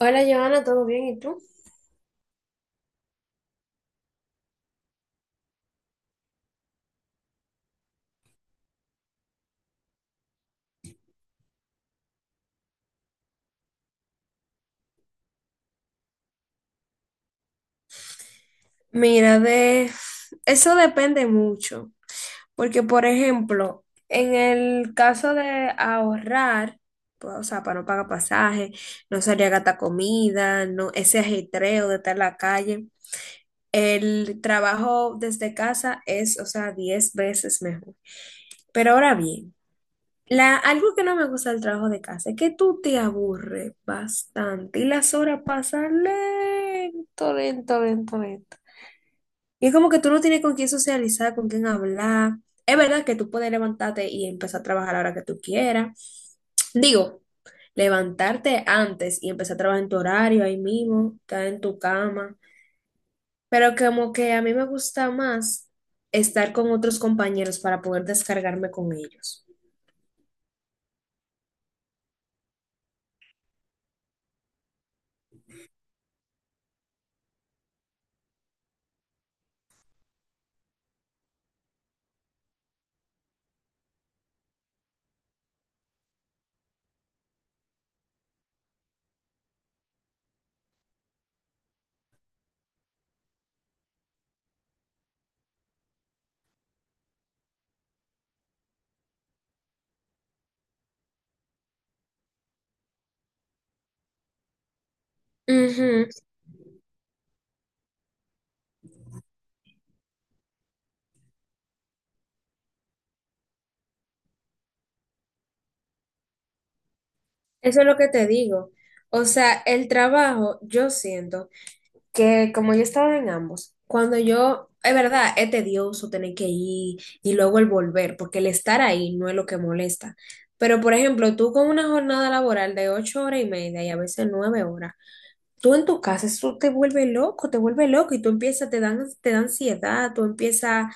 Hola, Joana, ¿todo bien? ¿Y tú? Mira, de eso depende mucho, porque por ejemplo, en el caso de ahorrar, pues, o sea, para no pagar pasaje, no salir a gastar comida, no ese ajetreo de estar en la calle, el trabajo desde casa es, o sea, 10 veces mejor. Pero ahora bien, algo que no me gusta del trabajo de casa es que tú te aburres bastante y las horas pasan lento, lento, lento, lento. Y es como que tú no tienes con quién socializar, con quién hablar. Es verdad que tú puedes levantarte y empezar a trabajar a la hora que tú quieras. Digo, levantarte antes y empezar a trabajar en tu horario ahí mismo, estar en tu cama. Pero como que a mí me gusta más estar con otros compañeros para poder descargarme con ellos. Ujú, eso es lo que te digo. O sea, el trabajo, yo siento que como yo estaba en ambos, es verdad, es tedioso tener que ir y luego el volver, porque el estar ahí no es lo que molesta. Pero, por ejemplo, tú con una jornada laboral de 8 horas y media y a veces 9 horas, tú en tu casa, eso te vuelve loco y tú empiezas, te dan, te da ansiedad, tú empiezas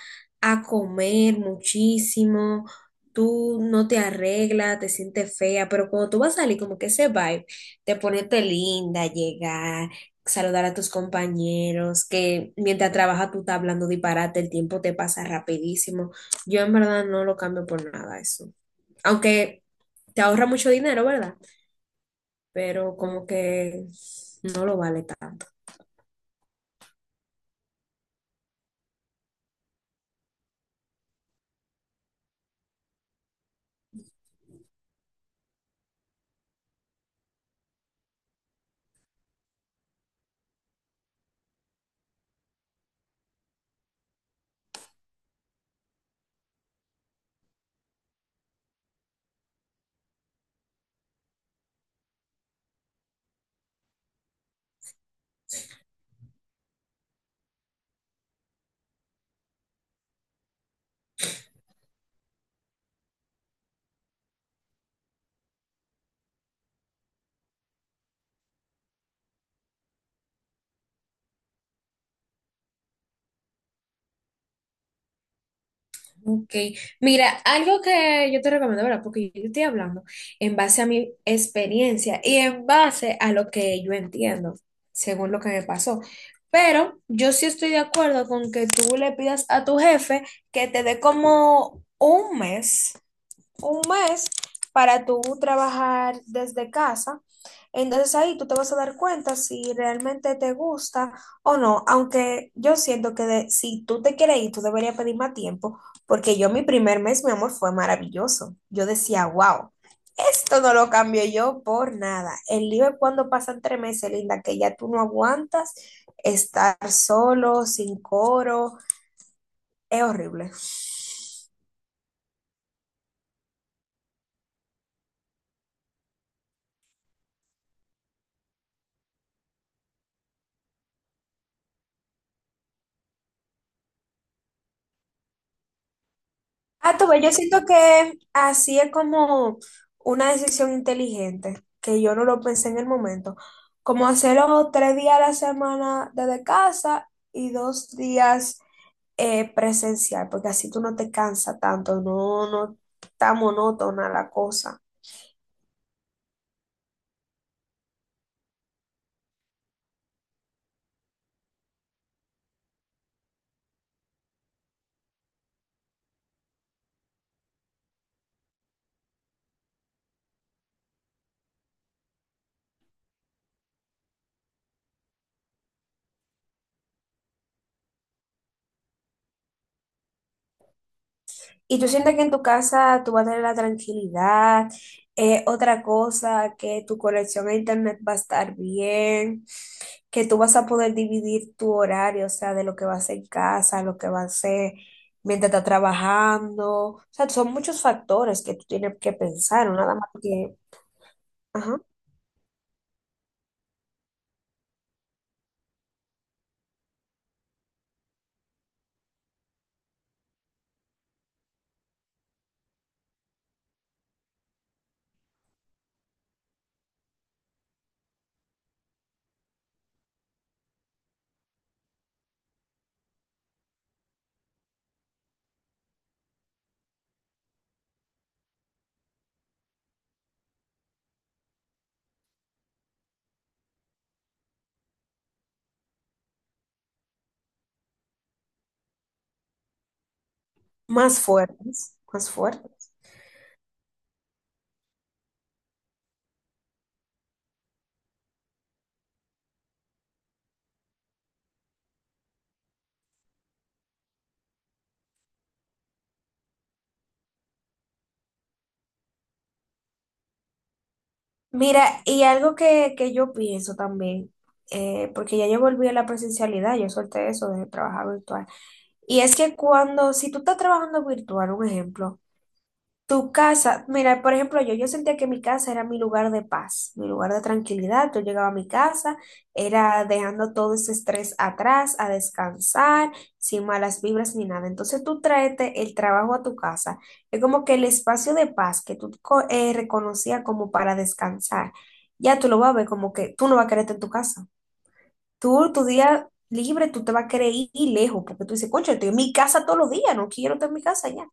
a comer muchísimo, tú no te arreglas, te sientes fea, pero cuando tú vas a salir, como que ese vibe, te ponerte linda, llegar, saludar a tus compañeros, que mientras trabajas tú estás hablando disparate, el tiempo te pasa rapidísimo. Yo en verdad no lo cambio por nada eso. Aunque te ahorra mucho dinero, ¿verdad? Pero como que no lo vale tanto. Ok, mira, algo que yo te recomiendo, ¿verdad? Porque yo te estoy hablando en base a mi experiencia y en base a lo que yo entiendo, según lo que me pasó. Pero yo sí estoy de acuerdo con que tú le pidas a tu jefe que te dé como un mes para tú trabajar desde casa. Entonces ahí tú te vas a dar cuenta si realmente te gusta o no, aunque yo siento que si tú te quieres ir, tú deberías pedir más tiempo, porque yo mi primer mes, mi amor, fue maravilloso. Yo decía, wow, esto no lo cambio yo por nada. El lío es cuando pasan 3 meses, linda, que ya tú no aguantas estar solo, sin coro, es horrible. Ah, tú ves, yo siento que así es como una decisión inteligente, que yo no lo pensé en el momento. Como hacerlo 3 días a la semana desde casa y 2 días presencial, porque así tú no te cansas tanto, no, no está monótona la cosa. Y tú sientes que en tu casa tú vas a tener la tranquilidad, otra cosa, que tu conexión a internet va a estar bien, que tú vas a poder dividir tu horario, o sea, de lo que vas a hacer en casa, lo que vas a hacer mientras estás trabajando. O sea, son muchos factores que tú tienes que pensar, ¿no? Nada más que, ajá, más fuertes, más fuertes. Mira, y algo que yo pienso también, porque ya yo volví a la presencialidad, yo solté eso de trabajar virtual. Y es que cuando, si tú estás trabajando virtual, un ejemplo, tu casa, mira, por ejemplo, yo sentía que mi casa era mi lugar de paz, mi lugar de tranquilidad. Yo llegaba a mi casa, era dejando todo ese estrés atrás, a descansar, sin malas vibras ni nada. Entonces tú tráete el trabajo a tu casa. Es como que el espacio de paz que tú reconocías como para descansar, ya tú lo vas a ver como que tú no vas a quererte en tu casa. Tú, tu día libre, tú te vas a querer ir lejos, porque tú dices, concha, estoy en mi casa todos los días, no quiero estar en mi casa ya.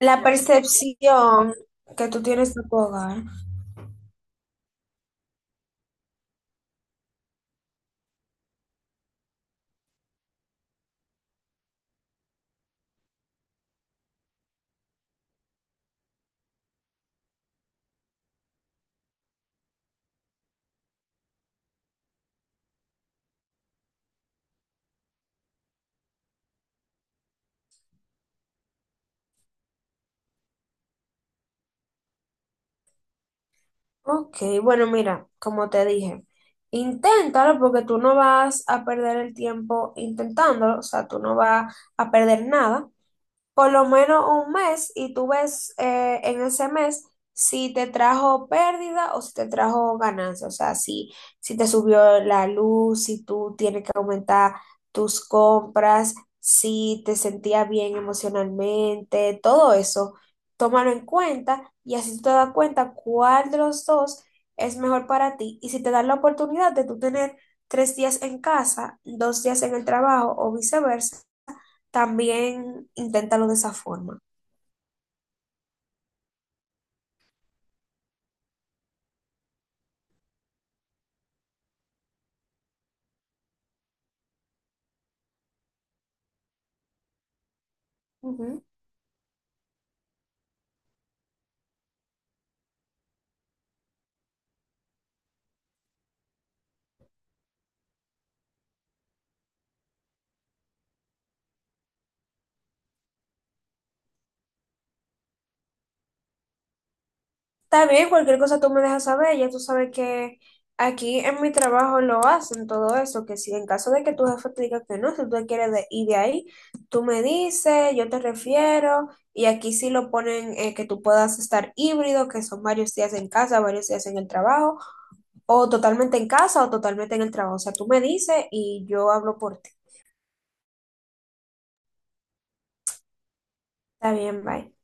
La percepción que tú tienes de tu hogar. Ok, bueno, mira, como te dije, inténtalo porque tú no vas a perder el tiempo intentándolo, o sea, tú no vas a perder nada. Por lo menos un mes y tú ves en ese mes si te trajo pérdida o si te trajo ganancia, o sea, si te subió la luz, si tú tienes que aumentar tus compras, si te sentías bien emocionalmente, todo eso, tómalo en cuenta y así tú te das cuenta cuál de los dos es mejor para ti y si te dan la oportunidad de tú tener 3 días en casa, 2 días en el trabajo o viceversa también inténtalo de esa forma. Ujú. Está bien, cualquier cosa tú me dejas saber, ya tú sabes que aquí en mi trabajo lo hacen todo eso, que si en caso de que tu jefe te diga que no, si tú te quieres ir de ahí, tú me dices, yo te refiero, y aquí sí lo ponen que tú puedas estar híbrido, que son varios días en casa, varios días en el trabajo, o totalmente en casa o totalmente en el trabajo, o sea, tú me dices y yo hablo por ti. Está bien, bye.